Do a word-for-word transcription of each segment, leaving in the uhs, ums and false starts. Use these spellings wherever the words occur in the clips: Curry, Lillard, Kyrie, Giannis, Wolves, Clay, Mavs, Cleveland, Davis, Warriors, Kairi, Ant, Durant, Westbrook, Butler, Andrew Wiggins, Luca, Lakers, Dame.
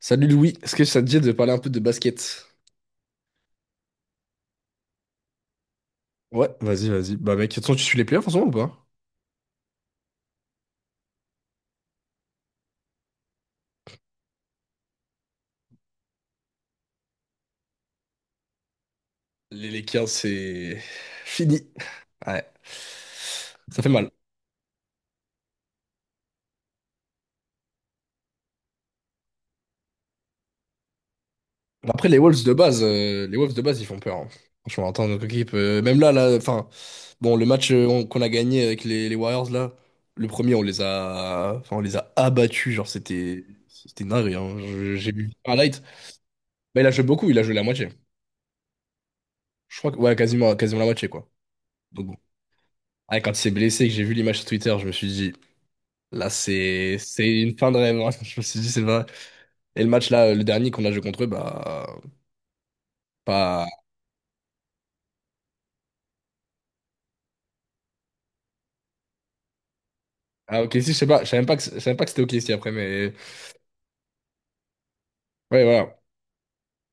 Salut Louis, est-ce que ça te dit de parler un peu de basket? Ouais, vas-y, vas-y. Bah mec, de toute façon, tu suis les playoffs en ce moment ou pas? Les Lakers, c'est fini. Ouais, ça fait mal. Après, les Wolves de base, euh, les Wolves de base, ils font peur, hein. Franchement, attends, notre équipe, euh, même là, là, enfin, bon, le match euh, on- qu'on a gagné avec les, les Warriors, là, le premier, on les a, enfin, on les a abattus. Genre, c'était, c'était une dinguerie, hein. Je- J'ai vu un light. Bah, il a joué beaucoup, il a joué la moitié. Je crois que, ouais, quasiment, quasiment la moitié, quoi. Donc, ah, quand il s'est blessé, que j'ai vu l'image sur Twitter, je me suis dit, là, c'est c'est une fin de rêve, hein. Je me suis dit, c'est vrai. Et le match, là, le dernier qu'on a joué contre eux, bah, pas. Ah, ok, si, je sais pas. Je savais même pas que, je savais même pas que c'était ok, si, après, mais. Ouais, voilà.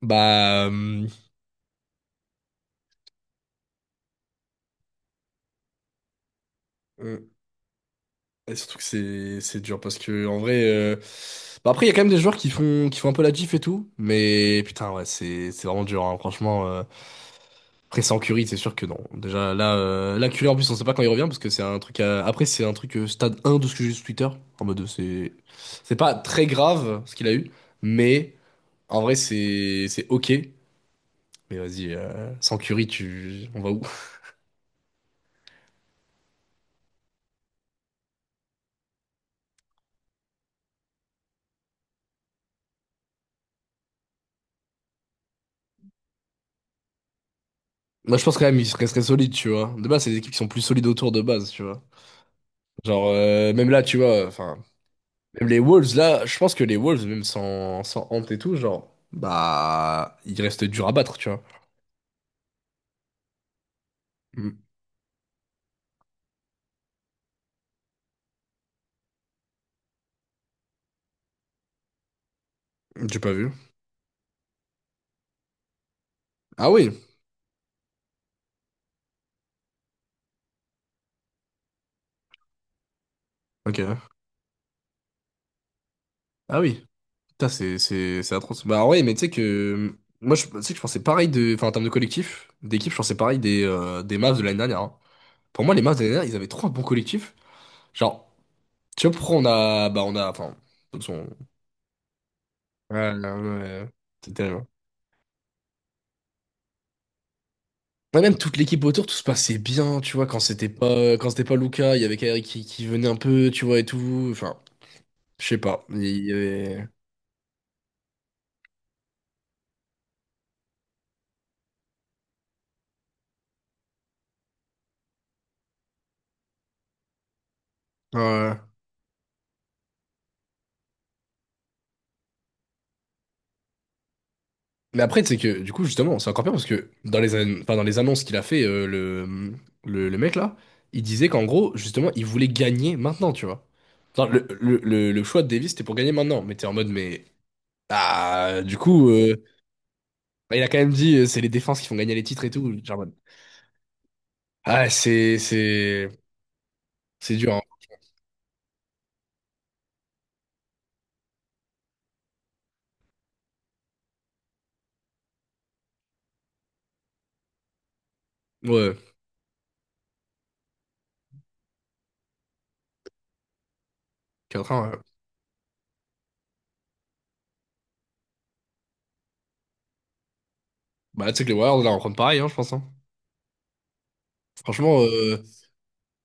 Bah. euh, Et surtout que c'est c'est dur parce que en vrai, euh, bah après il y a quand même des joueurs qui font qui font un peu la diff et tout, mais putain ouais c'est c'est vraiment dur hein, franchement. euh. Après sans Curry c'est sûr que non, déjà là, euh, là Curry en plus on sait pas quand il revient parce que c'est un truc à- après c'est un truc, euh, stade un de ce que j'ai vu sur Twitter, en mode, euh, c'est c'est pas très grave ce qu'il a eu, mais en vrai c'est c'est ok, mais vas-y, euh, sans Curry tu on va où? Moi je pense quand même il serait, serait solide, tu vois, de base c'est des équipes qui sont plus solides autour de base, tu vois. Genre, euh, même là, tu vois, enfin, même les Wolves, là, je pense que les Wolves, même sans, sans Ant et tout, genre, bah, il reste dur à battre, tu vois. Hmm. J'ai pas vu. Ah oui, ok. Ah oui. Putain, c'est, c'est, c'est atroce. Bah ouais, mais tu sais que, moi, je, tu sais que je pensais pareil de, enfin, en termes de collectif, d'équipe, je pensais pareil des, euh, des Mavs de l'année dernière, hein. Pour moi, les Mavs de l'année dernière, ils avaient trop un bon collectif. Genre, tu vois, pourquoi on a, bah, on a, enfin, de toute façon, ouais, ouais, ouais. C'est terrible. Ouais, même toute l'équipe autour, tout se passait bien, tu vois, quand c'était pas, quand c'était pas Luca, il y avait Kairi qui, qui venait un peu, tu vois, et tout. Enfin, je sais pas. Il y avait- Ouais. Mais après, c'est que, du coup, justement, c'est encore pire parce que dans les, an- enfin, dans les annonces qu'il a fait, euh, le... le, le mec là, il disait qu'en gros, justement, il voulait gagner maintenant, tu vois. Enfin, le, le, le, le choix de Davis, c'était pour gagner maintenant. Mais t'es en mode, mais. Ah, du coup, euh, bah, il a quand même dit, euh, c'est les défenses qui font gagner les titres et tout. Genre, en mode, ah, c'est, c'est, c'est dur, hein. Ouais. quatre ans, bah, tu sais que les Warriors, là, on prend pareil, hein, je pense, hein. Franchement, euh,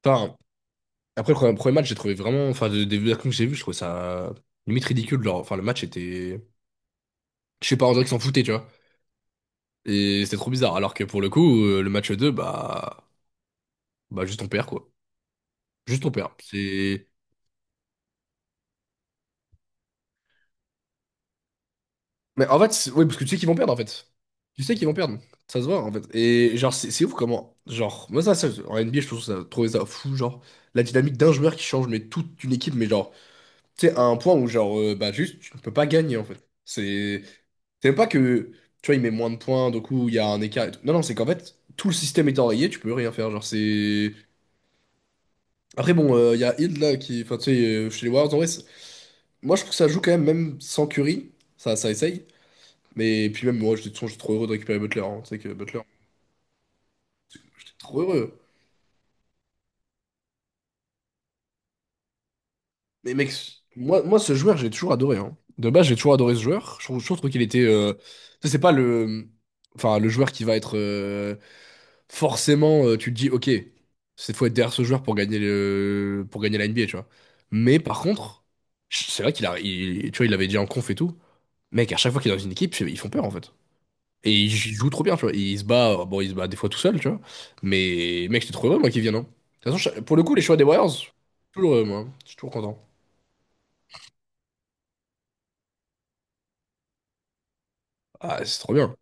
enfin, après le premier, premier match, j'ai trouvé vraiment. Enfin, des des versions que j'ai vues, je trouvais ça limite ridicule. Genre, enfin, le match était. Je sais pas, on dirait qu'ils s'en foutaient, tu vois. Et c'était trop bizarre. Alors que pour le coup, euh, le match deux bah. Bah, juste on perd, quoi. Juste on perd. C'est. Mais en fait, c'est- oui, parce que tu sais qu'ils vont perdre, en fait. Tu sais qu'ils vont perdre. Ça se voit, en fait. Et genre, c'est c'est ouf comment. Genre, moi, ça, ça, en N B A, je trouve ça, trouvé ça fou. Genre, la dynamique d'un joueur qui change, mais toute une équipe, mais genre. Tu sais, à un point où, genre, euh, bah, juste, tu ne peux pas gagner, en fait. C'est c'est même pas que, tu vois, il met moins de points, donc coup, il y a un écart et tout. Non, non, c'est qu'en fait, tout le système est enrayé, tu peux rien faire. Genre, c'est. Après, bon, euh, il y a Hill, là, qui. Enfin, tu sais, euh, chez les Warriors, en vrai, c'est- moi, je trouve que ça joue quand même, même sans Curry. Ça, ça essaye. Mais puis, même, moi, j'étais de toute façon, j'étais trop heureux de récupérer Butler, hein. Tu sais que Butler, j'étais trop heureux. Mais mec, moi, moi ce joueur, j'ai toujours adoré, hein. De base, j'ai toujours adoré ce joueur. Je trouve, je trouve qu'il était. Euh, tu sais, c'est pas le. Enfin, le joueur qui va être. Euh, forcément, euh, tu te dis, ok, cette fois être derrière ce joueur pour gagner le, pour gagner la N B A, tu vois. Mais par contre, c'est vrai qu'il a. Il- tu vois, il l'avait dit en conf et tout. Mec, à chaque fois qu'il est dans une équipe, ils font peur en fait. Et il joue trop bien, tu vois. Il se bat, euh, bon, il se bat des fois tout seul, tu vois. Mais mec, j'étais trop heureux, moi, qu'il vienne, hein. De toute façon, je- pour le coup, les choix des Warriors, toujours heureux, moi, hein. Je suis toujours content. Ah, c'est trop bien.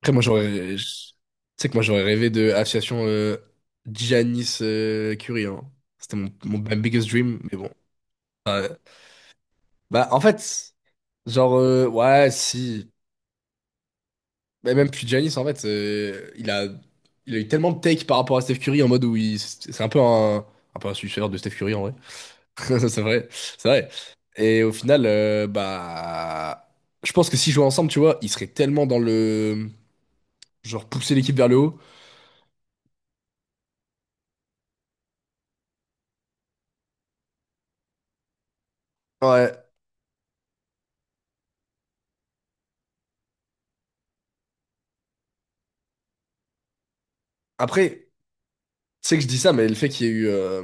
Après, moi, j'aurais. je- Tu sais que moi, j'aurais rêvé de association euh, Giannis euh, Curie, hein. C'était mon, mon my biggest dream, mais bon. Euh, bah, en fait, genre, euh, ouais, si. Mais même puis Giannis, en fait, euh, il a, il a eu tellement de take par rapport à Steph Curry en mode où il. C'est un peu un, un peu un suceur de Steph Curry, en vrai. C'est vrai, c'est vrai. Et au final, euh, bah. Je pense que s'ils jouaient ensemble, tu vois, ils seraient tellement dans le. Genre, pousser l'équipe vers le haut. Ouais. Après, tu sais que je dis ça, mais le fait qu'il y ait eu, euh,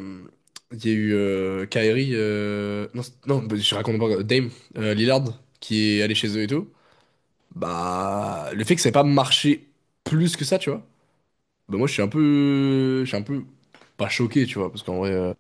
il y ait eu euh, Kyrie, euh, non, c'est- non, bah, je raconte pas, Dame, euh, Lillard, qui est allé chez eux et tout, bah, le fait que ça ait pas marché plus que ça, tu vois, bah moi je suis un peu, je suis un peu pas choqué, tu vois, parce qu'en vrai, euh,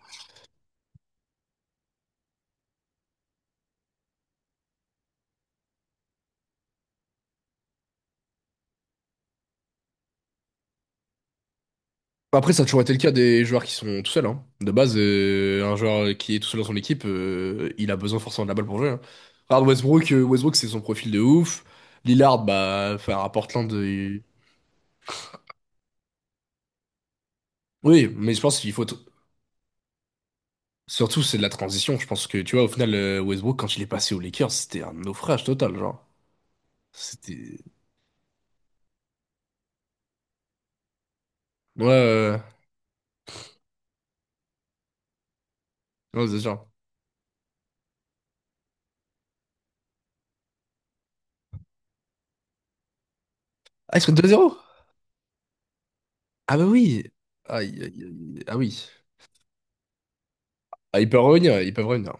après ça a toujours été le cas des joueurs qui sont tout seuls, hein. De base, euh, un joueur qui est tout seul dans son équipe, euh, il a besoin forcément de la balle pour jouer, hein. Regarde Westbrook, euh, Westbrook c'est son profil de ouf, Lillard, bah, enfin, à Portland, oui, mais je pense qu'il faut... t- Surtout, c'est de la transition. Je pense que, tu vois, au final, euh, Westbrook, quand il est passé aux Lakers, c'était un naufrage total, genre. C'était... Ouais, euh... ouais, ouais, c'est genre... Ah, ils sont deux zéro. Ah bah oui! Aïe, aïe, aïe. Ah oui. Ah, ils peuvent revenir, ils peuvent revenir.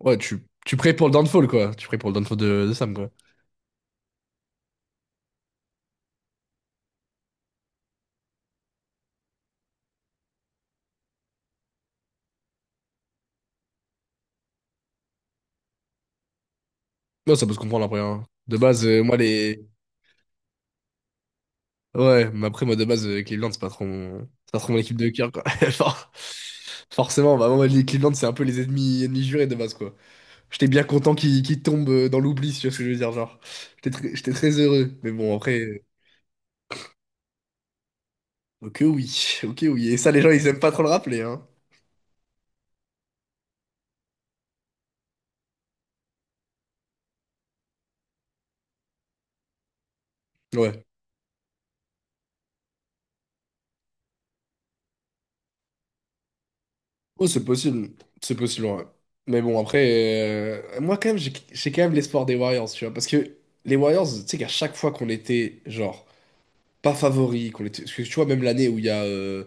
Ouais, tu, tu pries pour le downfall, quoi. Tu pries pour le downfall de, de Sam, quoi. Non, ça peut se comprendre, après, hein. De base, euh, moi, les... Ouais, mais après, moi, de base, euh, Cleveland, c'est pas trop mon... c'est pas trop mon équipe de cœur, quoi. Genre, forcément, bah, moi, les Cleveland, c'est un peu les ennemis, ennemis jurés, de base, quoi. J'étais bien content qu'il qu'il tombe, euh, dans l'oubli, si tu vois ce que je veux dire, genre. J'étais très, j'étais très heureux. Mais bon, après, euh, ok oui, ok oui. Et ça, les gens, ils aiment pas trop le rappeler, hein. Ouais. Oh, c'est possible. C'est possible, ouais. Mais bon, après, euh, moi, quand même, j'ai j'ai quand même l'espoir des Warriors, tu vois. Parce que les Warriors, tu sais qu'à chaque fois qu'on était, genre, pas favoris, qu'on était... Parce que tu vois, même l'année où il y a... euh,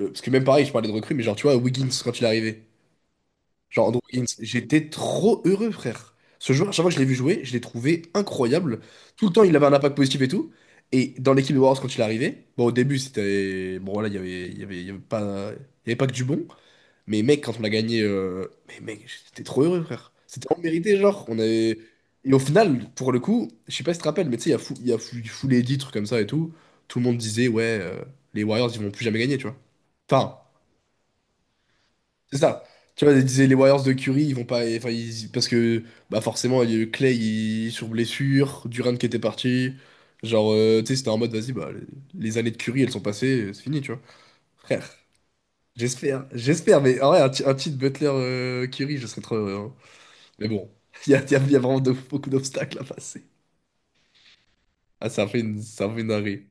euh, parce que même pareil, je parlais de recrues, mais genre, tu vois, Wiggins, quand il est arrivé. Genre Andrew Wiggins, j'étais trop heureux, frère. Ce joueur, chaque fois que je l'ai vu jouer, je l'ai trouvé incroyable. Tout le temps, il avait un impact positif et tout. Et dans l'équipe de Warriors, quand il est arrivé, bon, au début, c'était. Bon, voilà, il y avait, il y avait, il y avait pas... il y avait pas que du bon. Mais mec, quand on a gagné. euh, Mais mec, j'étais trop heureux, frère. C'était en mérité, genre. On avait... Et au final, pour le coup, je sais pas si tu te rappelles, mais tu sais, il y a fou, il y a fou, fou les titres comme ça et tout. Tout le monde disait, ouais, euh, les Warriors, ils vont plus jamais gagner, tu vois. Enfin, c'est ça. Tu vois, les les Warriors de Curry, ils vont pas. Enfin, ils- parce que bah forcément, il y a eu Clay il- sur blessure, Durant qui était parti. Genre, euh, tu sais, c'était en mode, vas-y, bah, les années de Curry, elles sont passées, c'est fini, tu vois. Frère, j'espère, j'espère, mais en vrai, un, ti- un titre Butler euh, Curry, je serais trop heureux, hein. Mais bon, il y a, il y a- il y a vraiment de- beaucoup d'obstacles à passer. Ah, ça a fait une, ça a fait une dinguerie.